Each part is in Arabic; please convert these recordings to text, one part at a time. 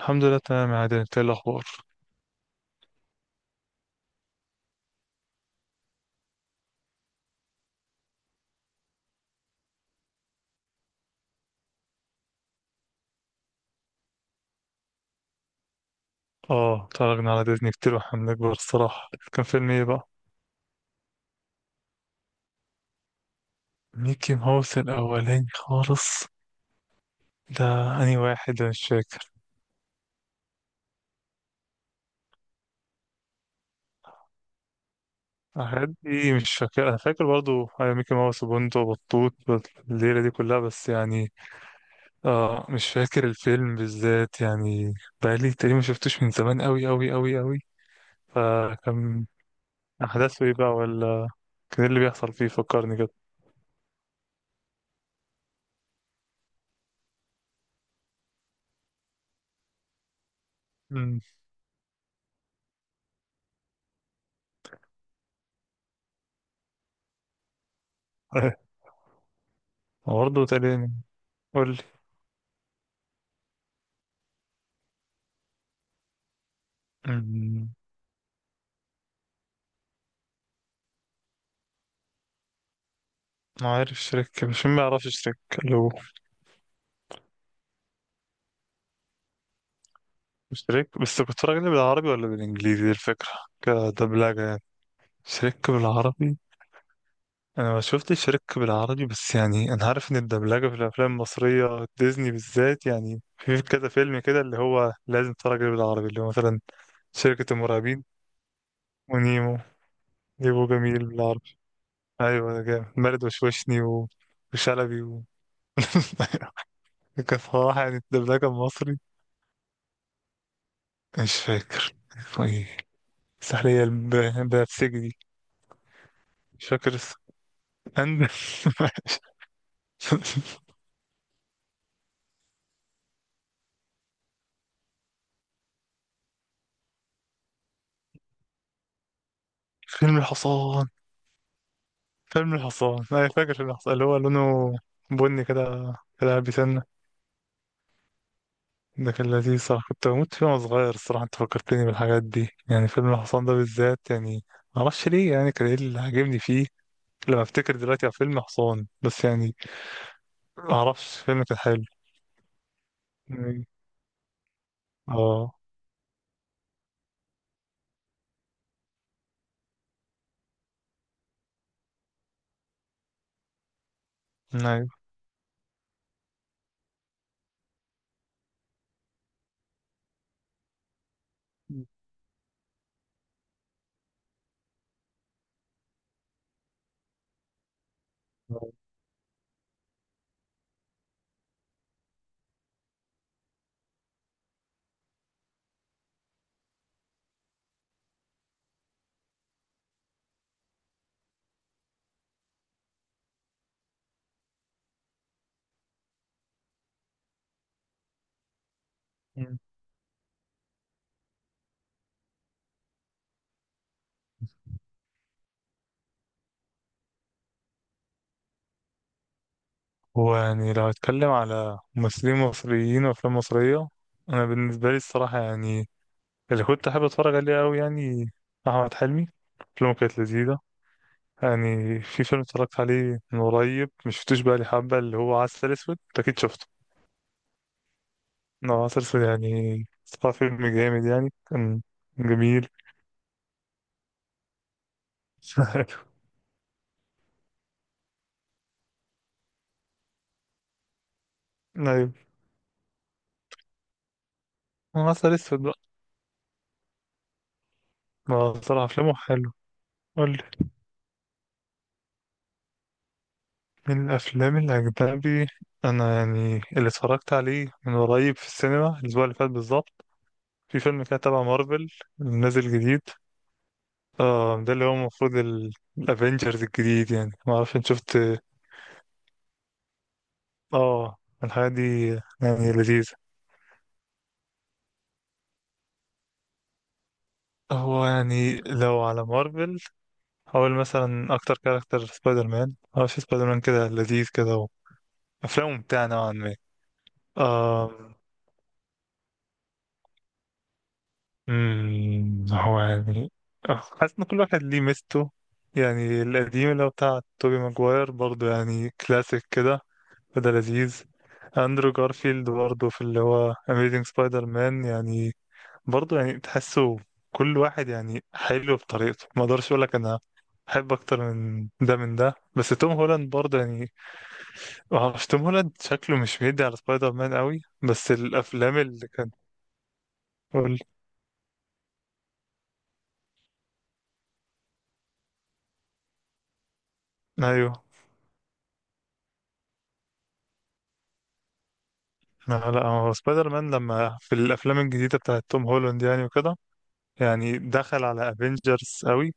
الحمد لله تمام يا عادل، انت ايه الاخبار؟ اه، اتفرجنا على ديزني كتير واحنا بنكبر الصراحه. كان فيلم ايه بقى؟ ميكي ماوس الاولاني خالص ده. انهي واحد؟ انا مش فاكر. حاجات دي مش فاكر، انا فاكر برضو ايوه ميكي ماوس وبنته وبطوط الليله دي كلها بس يعني. آه، مش فاكر الفيلم بالذات يعني. بقالي تقريبا ما شفتوش من زمان قوي قوي قوي قوي. فكان احداثه ايه بقى، ولا كان ايه اللي بيحصل فيه؟ فكرني كده. امم برضه تقريبا. قول لي. ما عارف شريك، مش مين ما يعرفش شريك؟ الو. شريك، بس كنت بتفرج عليه بالعربي ولا بالانجليزي؟ دي الفكرة. كدبلجة يعني. شريك بالعربي. انا ما شفتش شريك بالعربي، بس يعني انا عارف ان الدبلجة في الافلام المصرية ديزني بالذات، يعني في كذا فيلم كده اللي هو لازم تتفرج عليه بالعربي، اللي هو مثلا شركة المرعبين ونيمو. نيمو جميل بالعربي. ايوه، ده جامد، مارد وشوشني وشلبي كانت صراحة يعني الدبلجة المصري. مش فاكر اسمه ايه. السحلية بتاعت السجن دي. مش فاكر عند. فيلم الحصان. فيلم الحصان أنا فاكر. فيلم الحصان اللي هو لونه بني كده، كده بيسنة. ده كان لذيذ صراحة، كنت بموت فيه وأنا صغير الصراحة. أنت فكرتني بالحاجات دي يعني. فيلم الحصان ده بالذات يعني معرفش ليه، يعني كان إيه اللي عاجبني فيه. لما أفتكر دلوقتي على فيلم حصان بس يعني معرفش. فيلم كان حلو. اه. أيوه. هو يعني لو هتكلم على ممثلين مصريين وأفلام مصرية، أنا بالنسبة لي الصراحة يعني اللي كنت أحب أتفرج عليه أوي يعني أحمد حلمي. أفلامه كانت لذيذة يعني. في فيلم اتفرجت عليه من قريب، مشفتوش بقى لي حبة، اللي هو عسل أسود. أنت أكيد شفته. هو عسل أسود يعني صراحة فيلم جامد يعني. كان جميل. أيوة. هو عسل أسود بقى. هو صراحة أفلامه حلو. من الأفلام الأجنبي، أنا يعني اللي اتفرجت عليه من قريب في السينما الأسبوع اللي فات بالظبط، في فيلم كده تبع مارفل نازل جديد. آه، ده اللي هو المفروض الأفينجرز الجديد. يعني معرفش أنت شفت. آه، الحاجات دي. يعني لذيذة. هو يعني لو على مارفل، هقول مثلا أكتر كاركتر سبايدر مان. معرفش، سبايدر مان كده لذيذ كده وأفلامه ممتعة نوعا ما. آه. هو يعني، آه، حاسس ان كل واحد ليه ميزته. يعني القديم اللي هو بتاع توبي ماجواير برضه يعني كلاسيك كده، فده لذيذ. اندرو جارفيلد برضه في اللي هو اميزing سبايدر مان يعني. برضه يعني تحسه كل واحد يعني حلو بطريقته. ما اقدرش اقول لك انا بحب اكتر من ده من ده، بس توم هولاند برضه يعني ما اعرفش، توم هولاند شكله مش بيدي على سبايدر مان قوي، بس الافلام اللي كان. قول. ايوه. آه، لا، هو سبايدر مان لما في الافلام الجديده بتاعت توم هولاند يعني وكده، يعني دخل على افنجرز قوي.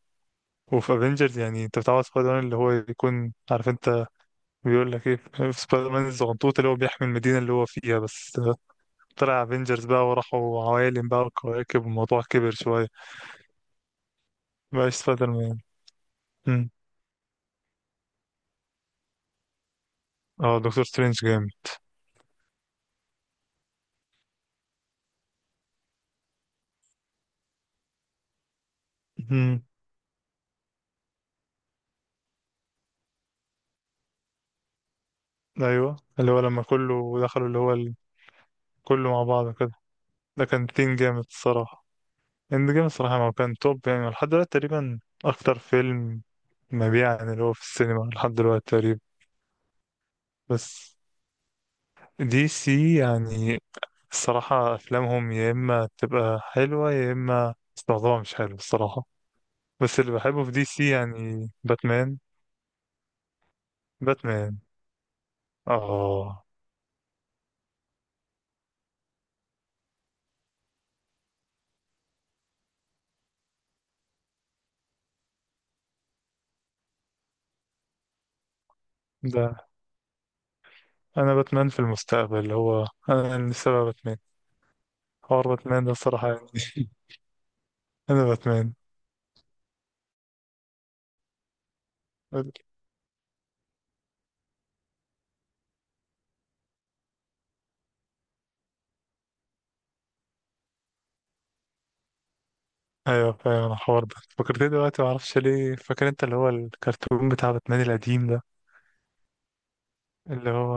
وفي افنجرز يعني انت بتعوز سبايدر مان اللي هو يكون عارف انت بيقول لك ايه، في سبايدر مان الزغنطوط اللي هو بيحمي المدينه اللي هو فيها بس. طلع افنجرز بقى وراحوا عوالم بقى وكواكب والموضوع كبر شويه. مبقاش سبايدر مان. مم. اه، دكتور سترينج جامد. مم. ايوه، اللي هو لما كله دخلوا كله مع بعض كده. ده كان تين جامد الصراحه. اند جيم الصراحة ما كان توب يعني لحد دلوقتي تقريبا، أكتر فيلم مبيعا اللي هو في السينما لحد دلوقتي تقريبا. بس دي سي يعني الصراحة أفلامهم يا إما تبقى حلوة يا إما استخدامها مش حلو الصراحة. بس اللي بحبه في دي سي يعني باتمان. باتمان. آه. ده أنا باتمان في المستقبل، اللي هو أنا اللي سبب باتمان. حوار باتمان ده الصراحة يعني. أنا باتمان. ايوه فاهم. انا الحوار ده فكرتني دلوقتي، ما اعرفش ليه فاكر انت، اللي هو الكرتون بتاع باتمان القديم ده. اللي هو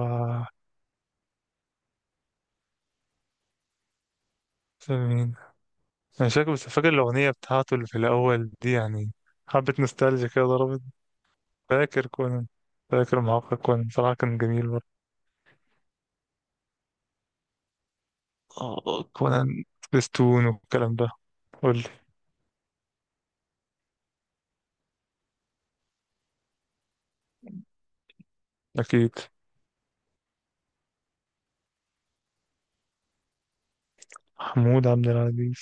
اسمه مين؟ انا مش فاكر، بس فاكر الاغنيه بتاعته اللي في الاول دي يعني. حبه نوستالجيا كده ضربت. فاكر كونان. فاكر معاق كونان، بصراحه كان جميل برضه. آه، كونان سبيستون والكلام ده. قول لي. اكيد. محمود عبد العزيز؟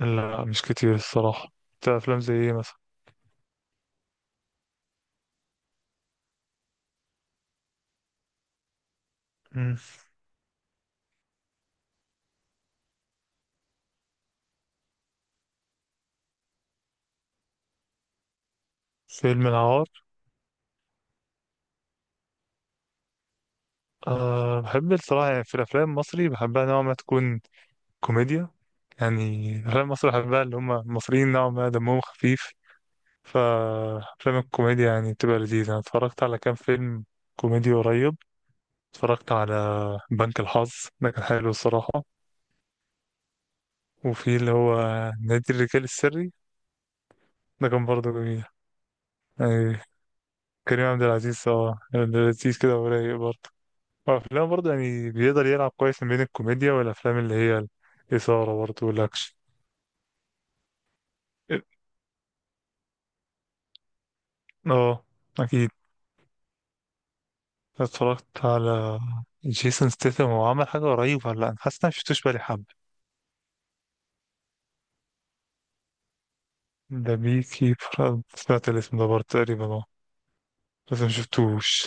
لا، مش كتير الصراحه. انت افلام زي ايه مثلا؟ مم. فيلم العار. أه، بحب الصراحة يعني في الأفلام المصري بحبها نوع ما تكون كوميديا يعني. أفلام مصر بحبها، اللي هم المصريين نوعا ما دمهم خفيف، فأفلام الكوميديا يعني بتبقى لذيذة. أنا اتفرجت على كام فيلم كوميدي قريب. اتفرجت على بنك الحظ، ده كان حلو الصراحة. وفي اللي هو نادي الرجال السري، ده كان برضه جميل يعني. كريم عبد العزيز اه لذيذ كده ورايق برضه. وأفلام برضه يعني بيقدر يلعب كويس ما بين الكوميديا والأفلام اللي هي الإثارة برضه والأكشن. اه. أكيد. اتفرجت على جيسون ستيثم. هو عمل حاجة قريب ولا لأ؟ أنا حاسس إن أنا مشفتوش بقالي حبة. ده بي كيبر، سمعت الاسم ده برضه تقريبا. اه. بس مشفتوش.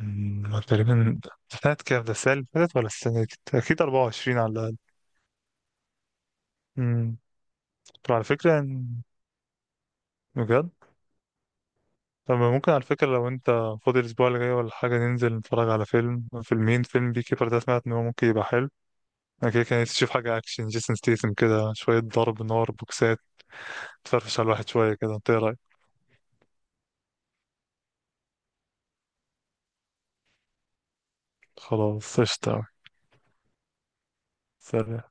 تقريبا. سنة كام ده، السنة اللي فاتت ولا السنة أكيد 24 على الأقل. أمم، طب على فكرة يعني بجد. طب ممكن على فكرة لو أنت فاضي الأسبوع اللي جاي ولا حاجة، ننزل نتفرج على فيلم، فيلمين. فيلم بي كيبر ده سمعت إن هو ممكن يبقى حلو. أنا كده كان نفسي أشوف حاجة أكشن، جيسون ستيثم كده شوية ضرب نار بوكسات، تفرفش على الواحد شوية كده. أنت إيه رأيك؟ خلاص اشتاق. سلام.